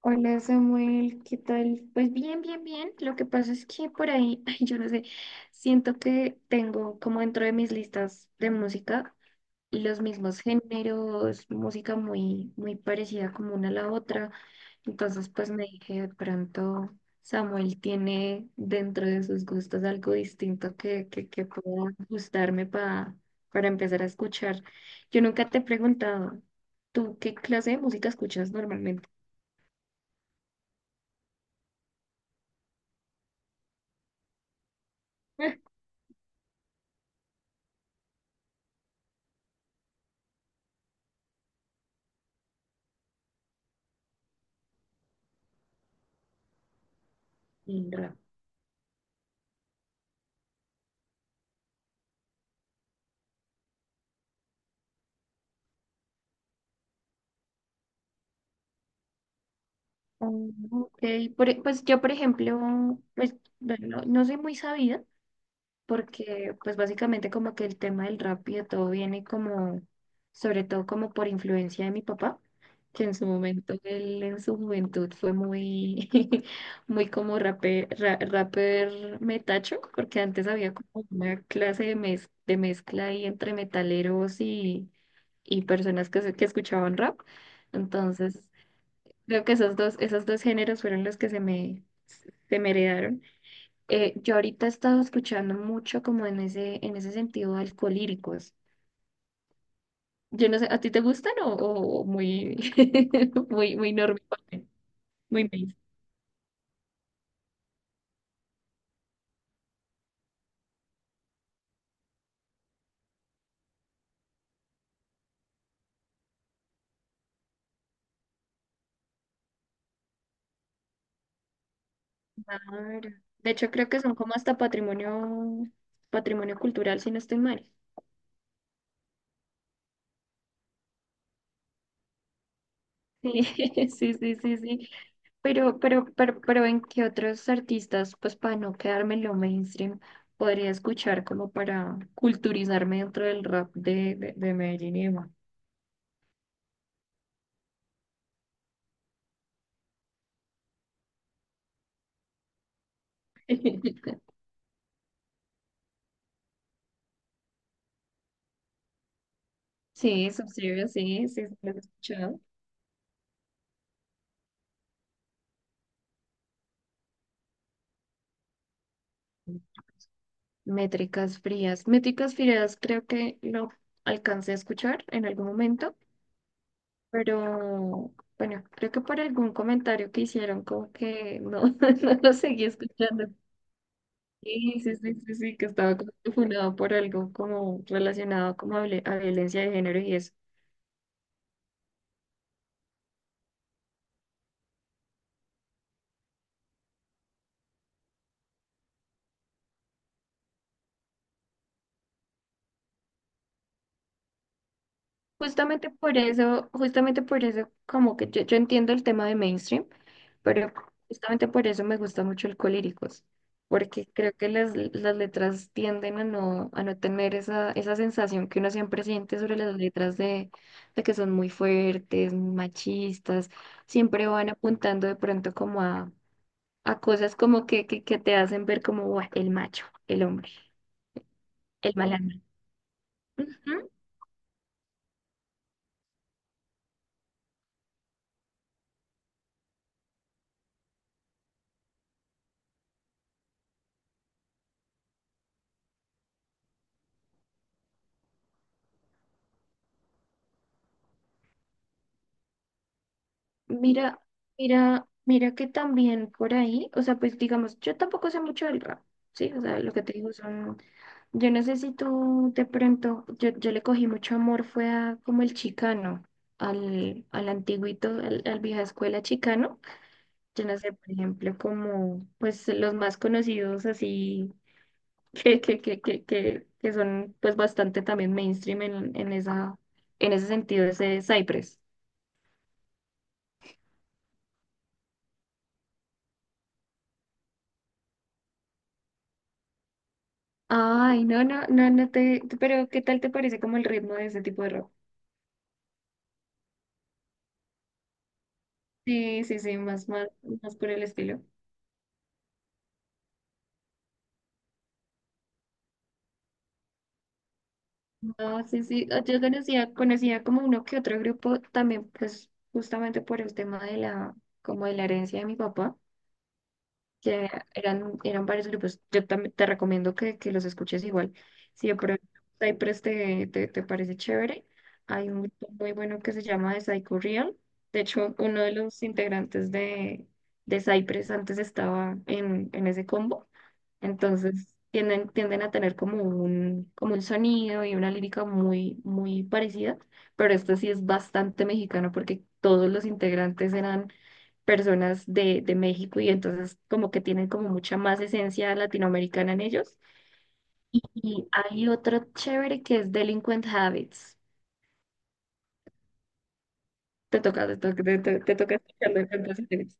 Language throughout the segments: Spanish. Hola Samuel, ¿qué tal? Pues bien. Lo que pasa es que por ahí, ay, yo no sé, siento que tengo como dentro de mis listas de música los mismos géneros, música muy parecida como una a la otra. Entonces, pues me dije, de pronto Samuel tiene dentro de sus gustos algo distinto que pueda gustarme para empezar a escuchar. Yo nunca te he preguntado, ¿tú qué clase de música escuchas normalmente? Indra. Oh, ok. Pues yo, por ejemplo, pues bueno, no, no soy muy sabida porque pues básicamente como que el tema del rap y de todo viene como, sobre todo como por influencia de mi papá, que en su momento, él en su juventud fue muy, muy como rapper, rapper metacho, porque antes había como una clase de, de mezcla ahí entre metaleros y personas que escuchaban rap. Entonces creo que esos dos géneros fueron los que se me heredaron. Yo ahorita he estado escuchando mucho como en ese sentido alcolíricos. Yo no sé, ¿a ti te gustan o muy, muy normal? ¿Muy mainstream? Claro. De hecho, creo que son como hasta patrimonio, patrimonio cultural, si no estoy mal. Sí, sí. Pero ¿en qué otros artistas, pues para no quedarme en lo mainstream, podría escuchar como para culturizarme dentro del rap de Medellín y demás? Sí, Subsidio, sí, lo he escuchado. Métricas frías. Métricas frías creo que lo alcancé a escuchar en algún momento, pero bueno, creo que por algún comentario que hicieron como que no, no lo seguí escuchando. Sí, que estaba como que fundado por algo como relacionado como a, a violencia de género y eso. Justamente por eso, justamente por eso, como que yo entiendo el tema de mainstream, pero justamente por eso me gusta mucho el Colíricos, porque creo que las letras tienden a no tener esa, esa sensación que uno siempre siente sobre las letras de que son muy fuertes, muy machistas, siempre van apuntando de pronto como a cosas como que te hacen ver como "Buah, el macho, el hombre, el malandro". Ujú. Mira, mira que también por ahí, o sea, pues digamos, yo tampoco sé mucho del rap, ¿sí? O sea, lo que te digo son, yo no sé si tú de pronto, yo le cogí mucho amor, fue a como el chicano, al antiguito, al vieja escuela chicano. Yo no sé, por ejemplo, como pues los más conocidos así que son pues bastante también mainstream en esa, en ese sentido, ese Cypress. Ay, no te, pero ¿qué tal te parece como el ritmo de ese tipo de rock? Sí, más, más por el estilo. No, sí, sí, yo conocía, conocía como uno que otro grupo también, pues justamente por el tema de la, como de la herencia de mi papá. Que eran, eran varios grupos. Yo también te recomiendo que los escuches igual. Si de pronto Cypress te, te parece chévere, hay un grupo muy bueno que se llama The Psycho Real. De hecho, uno de los integrantes de Cypress antes estaba en ese combo. Entonces tienden a tener como un sonido y una lírica muy parecida, pero esto sí es bastante mexicano porque todos los integrantes eran personas de México y entonces como que tienen como mucha más esencia latinoamericana en ellos. Y hay otro chévere que es Delinquent Habits. Te toca escuchar Delinquent Habits.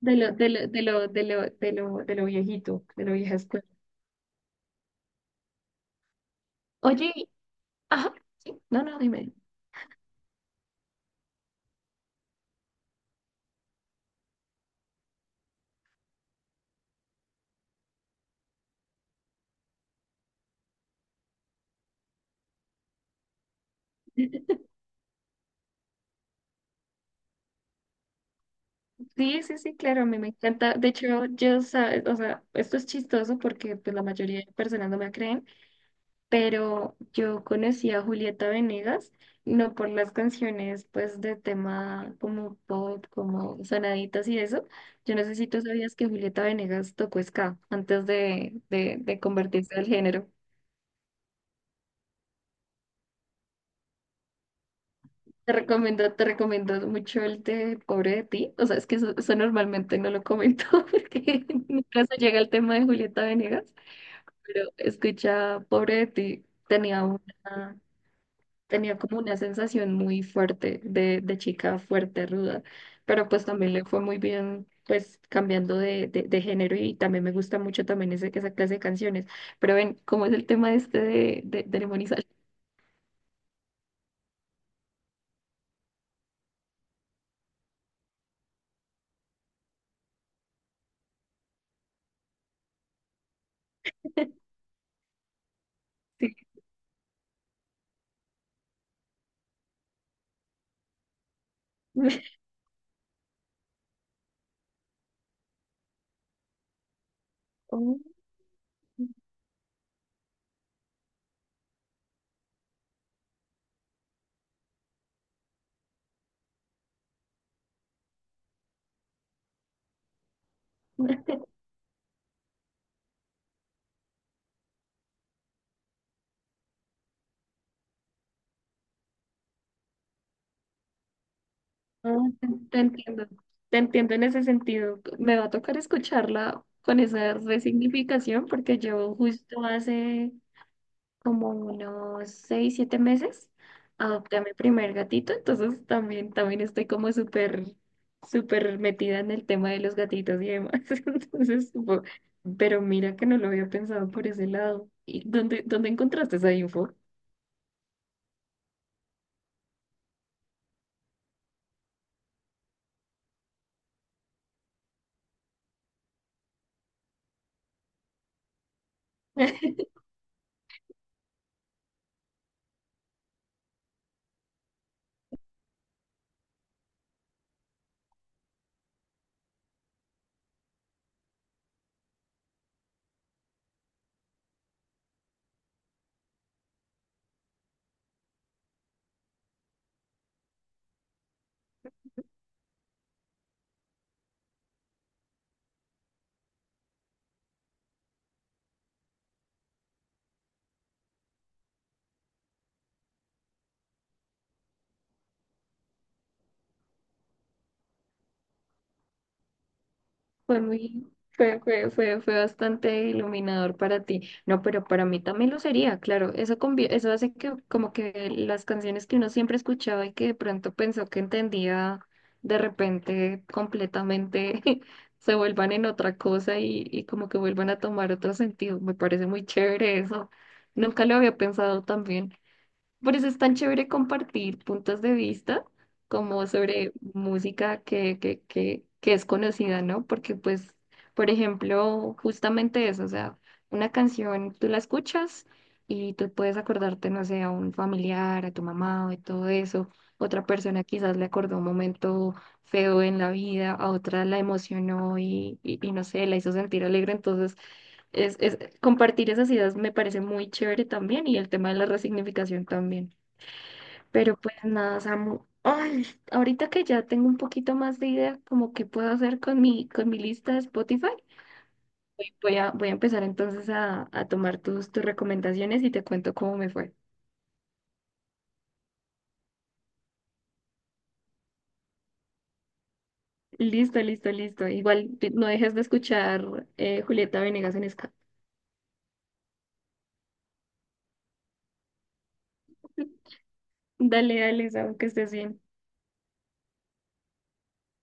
De lo, de lo, de lo, de lo, de lo, De lo viejito, de lo vieja escuela. Oye, ajá, sí, no, no, dime. Sí, claro, a mí me encanta. De hecho, yo, sabes, o sea, esto es chistoso porque pues, la mayoría de personas no me creen, pero yo conocí a Julieta Venegas, no por las canciones, pues, de tema como pop, como sonaditas y eso. Yo no sé si tú sabías que Julieta Venegas tocó ska antes de convertirse al género. Te recomiendo mucho el de Pobre de ti. O sea, es que eso normalmente no lo comento porque nunca se llega al tema de Julieta Venegas. Pero escucha, pobre de ti, tenía una, tenía como una sensación muy fuerte de chica fuerte, ruda, pero pues también le fue muy bien, pues cambiando de género y también me gusta mucho también ese, esa clase de canciones. Pero ven, ¿cómo es el tema este de Lemonizal? Sí. Oh, no. Te entiendo, te entiendo en ese sentido. Me va a tocar escucharla con esa resignificación porque yo justo hace como unos 6, 7 meses, adopté a mi primer gatito, entonces también, también estoy como súper, súper metida en el tema de los gatitos y demás. Entonces, pero mira que no lo había pensado por ese lado. ¿Y dónde, dónde encontraste esa info? Fue muy, fue, fue, fue, Fue bastante iluminador para ti. No, pero para mí también lo sería, claro. Eso, eso hace que como que las canciones que uno siempre escuchaba y que de pronto pensó que entendía, de repente completamente se vuelvan en otra cosa y como que vuelvan a tomar otro sentido. Me parece muy chévere eso. Nunca lo había pensado también. Por eso es tan chévere compartir puntos de vista como sobre música que es conocida, ¿no? Porque pues, por ejemplo, justamente eso, o sea, una canción tú la escuchas y tú puedes acordarte, no sé, a un familiar, a tu mamá y todo eso. Otra persona quizás le acordó un momento feo en la vida, a otra la emocionó y no sé, la hizo sentir alegre. Entonces, compartir esas ideas me parece muy chévere también y el tema de la resignificación también. Pero pues nada, Samu. Ay, ahorita que ya tengo un poquito más de idea como que puedo hacer con mi lista de Spotify, voy a, voy a empezar entonces a tomar tus, tus recomendaciones y te cuento cómo me fue. Listo. Igual no dejes de escuchar Julieta Venegas en ska. Dale, dale, Samu, que estés bien.